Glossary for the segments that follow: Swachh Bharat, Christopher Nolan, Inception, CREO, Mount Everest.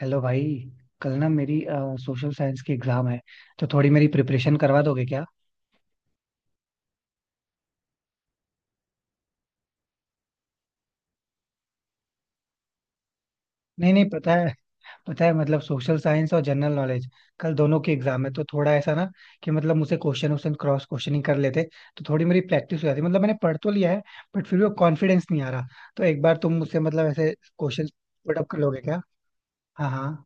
Hello भाई। कल ना मेरी सोशल साइंस की एग्जाम है, तो थोड़ी मेरी प्रिपरेशन करवा दोगे क्या? नहीं नहीं, पता है, पता है मतलब सोशल साइंस और जनरल नॉलेज कल दोनों की एग्जाम है, तो थोड़ा ऐसा ना कि मतलब मुझसे क्वेश्चन क्वेश्चन क्रॉस क्वेश्चनिंग कर लेते तो थोड़ी मेरी प्रैक्टिस हो जाती। मतलब मैंने पढ़ तो लिया है, बट फिर भी वो कॉन्फिडेंस नहीं आ रहा, तो एक बार तुम मुझसे मतलब ऐसे क्वेश्चन पुट अप कर लोगे क्या? हाँ हाँ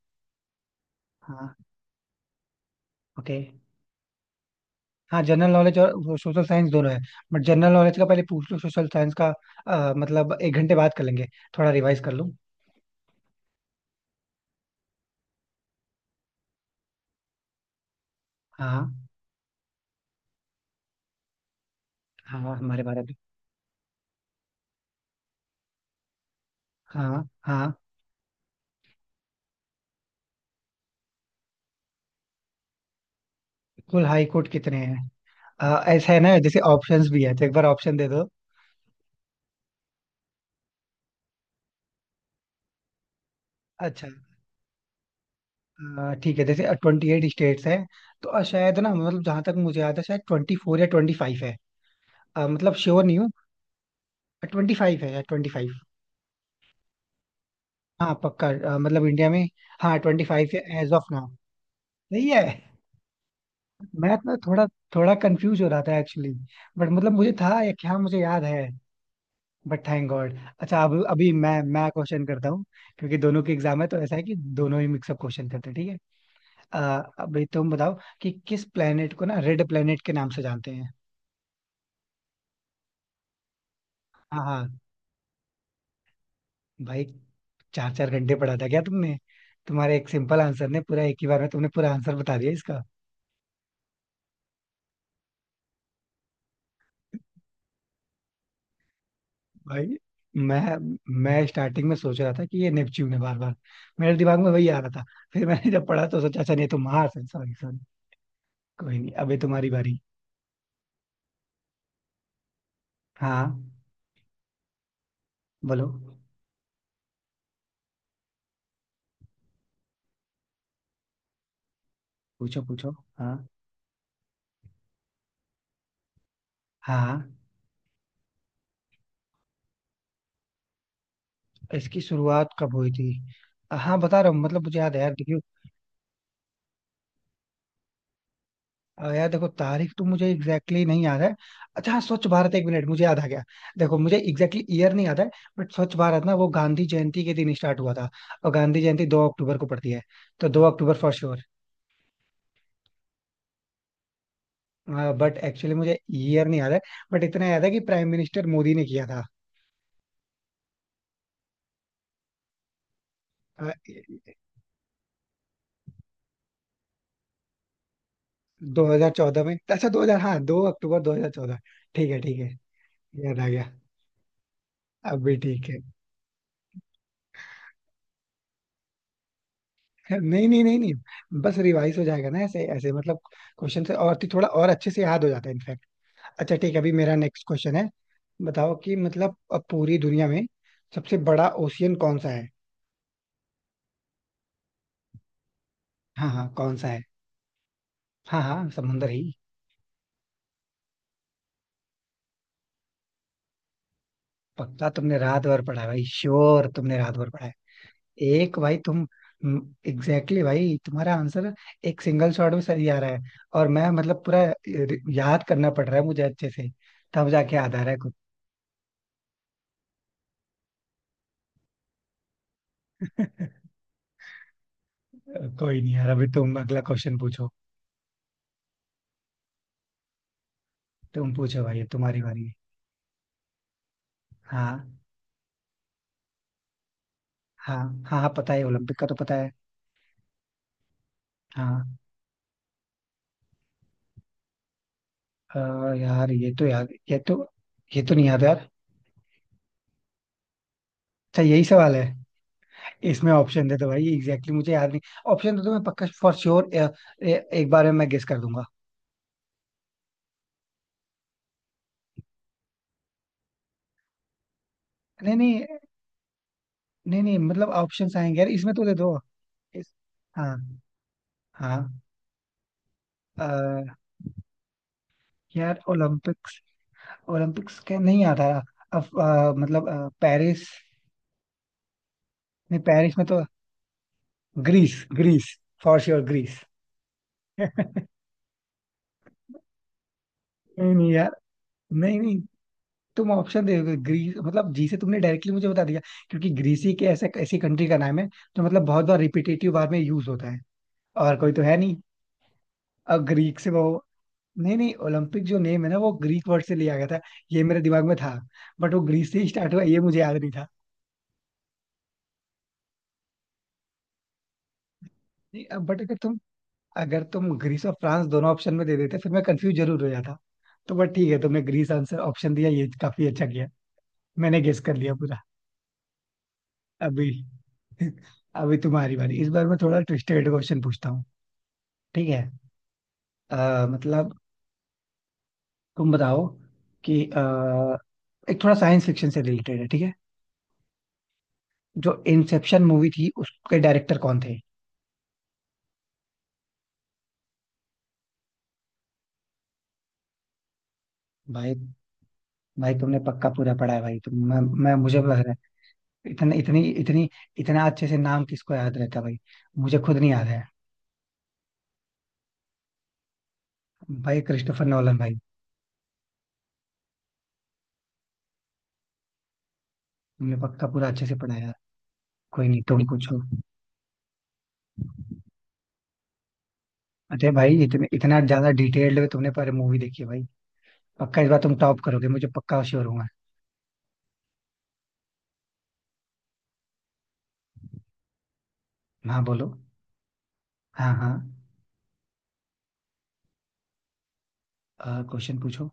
हाँ, ओके। हाँ, जनरल नॉलेज और सोशल साइंस दोनों है, बट जनरल नॉलेज का पहले पूछ लो, सोशल साइंस का मतलब एक घंटे बाद कर लेंगे, थोड़ा रिवाइज कर लूँ। हाँ हाँ, हमारे भारत में। हाँ हाँ। कुल हाई कोर्ट कितने हैं? ऐसा है ना, जैसे ऑप्शंस भी है तो एक बार ऑप्शन दे दो। अच्छा। ठीक है, जैसे 28 स्टेट्स हैं, तो शायद ना मतलब जहां तक मुझे याद है शायद 24 या 25 है। मतलब श्योर नहीं हूँ। 25 है या 25। हाँ पक्का, मतलब इंडिया में हाँ 25 है एज ऑफ नाउ। सही है। मैं ना थोड़ा थोड़ा कंफ्यूज हो रहा था एक्चुअली, बट मतलब मुझे था या क्या मुझे याद है, बट थैंक गॉड। अच्छा अब अभी मैं क्वेश्चन करता हूँ, क्योंकि दोनों के एग्जाम है तो ऐसा है कि दोनों ही मिक्सअप क्वेश्चन करते हैं। ठीक है। अ, अभी तुम बताओ कि किस प्लेनेट को ना रेड प्लेनेट के नाम से जानते हैं? हाँ हाँ भाई, चार चार घंटे पढ़ा था क्या तुमने? तुम्हारे एक सिंपल आंसर ने पूरा, एक ही बार में तुमने पूरा आंसर बता दिया इसका। भाई मैं मैं स्टार्टिंग में सोच रहा था कि ये नेपच्यून है, बार बार मेरे दिमाग में वही आ रहा था। फिर मैंने जब पढ़ा तो सोचा, अच्छा नहीं तो मार्स है। Sorry sorry. कोई नहीं, अभी तुम्हारी बारी। हाँ बोलो। पूछो पूछो। हाँ। हाँ हाँ। इसकी शुरुआत कब हुई थी? हाँ बता रहा हूँ, मतलब मुझे याद है यार क्योंकि यार देखो, तारीख तो मुझे एग्जैक्टली exactly नहीं याद है। अच्छा हाँ, स्वच्छ भारत, एक मिनट, मुझे याद आ गया। देखो मुझे एग्जैक्टली ईयर नहीं याद है, बट स्वच्छ भारत ना वो गांधी जयंती के दिन स्टार्ट हुआ था, और गांधी जयंती 2 अक्टूबर को पड़ती है, तो 2 अक्टूबर फॉर श्योर। बट एक्चुअली मुझे ईयर नहीं याद है, बट इतना याद है कि प्राइम मिनिस्टर मोदी ने किया था। अ, 2014 में। अच्छा 2000, हाँ, 2 अक्टूबर 2014, ठीक है ठीक है, याद आ गया। अब भी ठीक है। नहीं नहीं नहीं नहीं, बस रिवाइज हो जाएगा ना ऐसे ऐसे, मतलब क्वेश्चन से और थोड़ा और अच्छे से याद हो जाता है इनफैक्ट। अच्छा ठीक है, अभी मेरा नेक्स्ट क्वेश्चन है। बताओ कि मतलब अब पूरी दुनिया में सबसे बड़ा ओशियन कौन सा है? हाँ हाँ, कौन सा है? हाँ हाँ, समुंदर ही। पक्का तुमने रात भर पढ़ा है भाई, श्योर तुमने रात भर पढ़ा है। एक भाई तुम, एग्जैक्टली भाई तुम्हारा आंसर एक सिंगल शॉट में सही आ रहा है, और मैं मतलब पूरा याद करना पड़ रहा है मुझे अच्छे से, तब जाके याद आ रहा है कुछ। कोई नहीं यार, अभी तुम अगला क्वेश्चन पूछो। तुम पूछो भाई, तुम्हारी बारी है। हाँ हाँ। हाँ हाँ, पता है ओलंपिक का तो पता है। हाँ। अ, यार ये तो नहीं याद यार। अच्छा यही सवाल है, इसमें ऑप्शन दे दो भाई, एग्जैक्टली मुझे याद नहीं। ऑप्शन दे दो, मैं पक्का फॉर श्योर एक बार में मैं गेस कर दूंगा। नहीं नहीं नहीं नहीं, मतलब ऑप्शंस आएंगे यार इसमें, तो दे दो। इस, हाँ हाँ। अ, यार ओलंपिक्स, ओलंपिक्स क्या नहीं आता? अब मतलब पेरिस, नहीं पेरिस में तो, Greece Greece. For sure Greece. नहीं नहीं यार, नहीं नहीं, तुम ऑप्शन दे दोगे ग्रीस मतलब, जी से तुमने डायरेक्टली मुझे बता दिया, क्योंकि ग्रीस ही के ऐसे ऐसी कंट्री का नाम है जो मतलब बहुत बार रिपीटेटिव बार में यूज होता है, और कोई तो है नहीं। अब ग्रीक से वो, नहीं नहीं, ओलंपिक जो नेम है ना वो ग्रीक वर्ड से लिया गया था, ये मेरे दिमाग में था, बट वो ग्रीस से ही स्टार्ट हुआ ये मुझे याद नहीं था। नहीं अब बट अगर तुम ग्रीस और फ्रांस दोनों ऑप्शन में दे देते फिर मैं कंफ्यूज जरूर हो जाता, तो बट ठीक है, तुमने ग्रीस आंसर ऑप्शन दिया, ये काफी अच्छा किया, मैंने गेस कर लिया पूरा। अभी अभी तुम्हारी बारी, इस बार मैं थोड़ा ट्विस्टेड क्वेश्चन पूछता हूँ। ठीक है। मतलब तुम बताओ कि एक थोड़ा साइंस फिक्शन से रिलेटेड है ठीक है, जो इंसेप्शन मूवी थी उसके डायरेक्टर कौन थे? भाई भाई, तुमने पक्का पूरा पढ़ा है भाई, तुम मैं मुझे तो लग रहा है, इतने इतनी इतनी इतना अच्छे से नाम किसको याद रहता है भाई, मुझे खुद नहीं याद है। भाई क्रिस्टोफर नोलन भाई, तुमने पक्का पूरा अच्छे से पढ़ा है यार। कोई नहीं तुम पूछो। अरे भाई, इतने इतना ज्यादा डिटेल्ड में तुमने पर मूवी देखी है भाई। पक्का इस बार तुम टॉप करोगे, मुझे पक्का श्योर हूँ मैं। हाँ बोलो। हाँ हाँ। क्वेश्चन पूछो।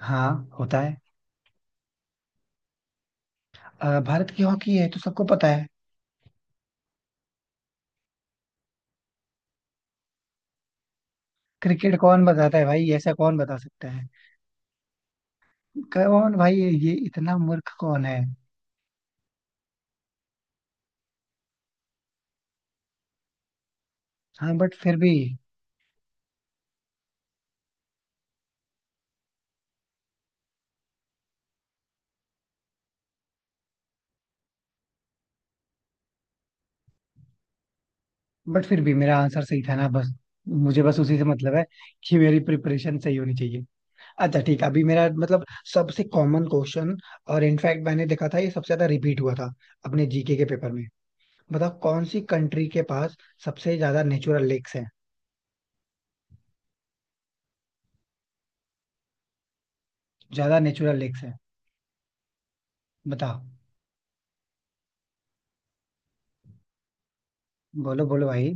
हाँ। होता है। भारत की हॉकी है तो सबको पता है। क्रिकेट कौन बताता है भाई? ऐसा कौन बता सकता है? कौन भाई, ये इतना मूर्ख कौन है? हाँ बट फिर भी बट फिर भी मेरा आंसर सही था ना, बस मुझे बस उसी से मतलब है कि मेरी प्रिपरेशन सही होनी चाहिए। अच्छा ठीक है, अभी मेरा मतलब सबसे कॉमन क्वेश्चन, और इनफैक्ट मैंने देखा था ये सबसे ज्यादा रिपीट हुआ था अपने जीके के पेपर में। बता, कौन सी कंट्री के पास सबसे ज्यादा नेचुरल लेक्स हैं? ज्यादा नेचुरल लेक्स हैं बता। बोलो बोलो भाई।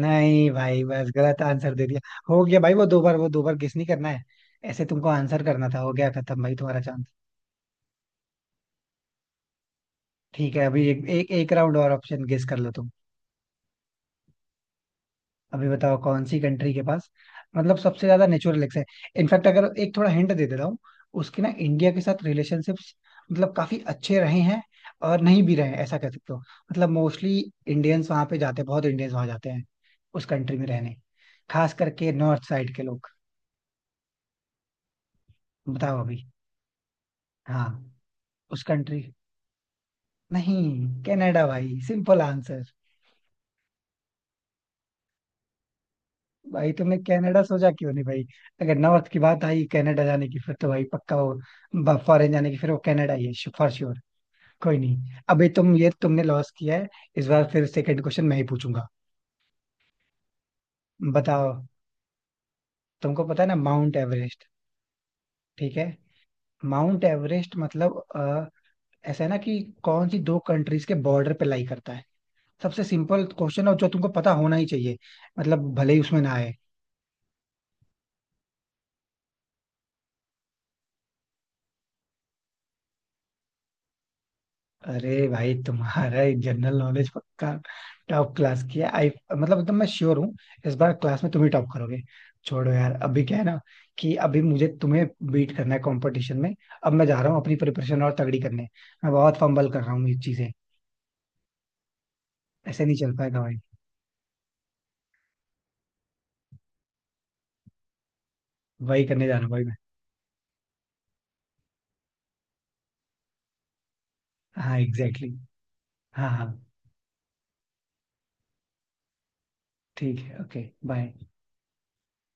नहीं भाई बस, गलत आंसर दे दिया। हो गया भाई, वो दो बार गेस नहीं करना है, ऐसे तुमको आंसर करना था, हो गया खत्म भाई तुम्हारा चांस। ठीक है, अभी एक एक राउंड और ऑप्शन गेस कर लो तुम। अभी बताओ कौन सी कंट्री के पास मतलब सबसे ज्यादा नेचुरल लेक्स है? इनफैक्ट अगर एक थोड़ा हिंट दे दे रहा हूँ, उसके ना इंडिया के साथ रिलेशनशिप्स मतलब काफी अच्छे रहे हैं, और नहीं भी रहे हैं ऐसा कह सकते हो। मतलब मोस्टली इंडियंस वहां पे जाते हैं, बहुत इंडियंस वहां जाते हैं उस कंट्री में रहने, खास करके नॉर्थ साइड के लोग। बताओ अभी। हाँ। उस कंट्री, नहीं, कनाडा भाई, सिंपल आंसर। भाई तुमने कनाडा सोचा क्यों नहीं भाई? अगर नॉर्थ की बात आई कनाडा जाने की, फिर तो भाई पक्का, वो फॉरेन जाने की फिर वो कनाडा ही है फॉर श्योर। कोई नहीं, अबे तुम ये तुमने लॉस किया है, इस बार फिर सेकंड क्वेश्चन मैं ही पूछूंगा। बताओ, तुमको पता है ना माउंट एवरेस्ट? ठीक है। माउंट एवरेस्ट मतलब ऐसा है ना कि कौन सी दो कंट्रीज के बॉर्डर पे लाई करता है? सबसे सिंपल क्वेश्चन है और जो तुमको पता होना ही चाहिए, मतलब भले ही उसमें ना आए। अरे भाई, तुम्हारा जनरल नॉलेज पक्का टॉप क्लास की है आई, मतलब एकदम मैं श्योर हूँ, इस बार क्लास में तुम ही टॉप करोगे। छोड़ो यार, अभी क्या है ना कि अभी मुझे तुम्हें बीट करना है कंपटीशन में। अब मैं जा रहा हूँ अपनी प्रिपरेशन और तगड़ी करने, मैं बहुत फंबल कर रहा हूँ ये चीजें, ऐसे नहीं चल पाएगा भाई। वही करने जा रहा हूँ भाई मैं। हाँ एग्जैक्टली exactly. हाँ हाँ। ठीक है, ओके बाय।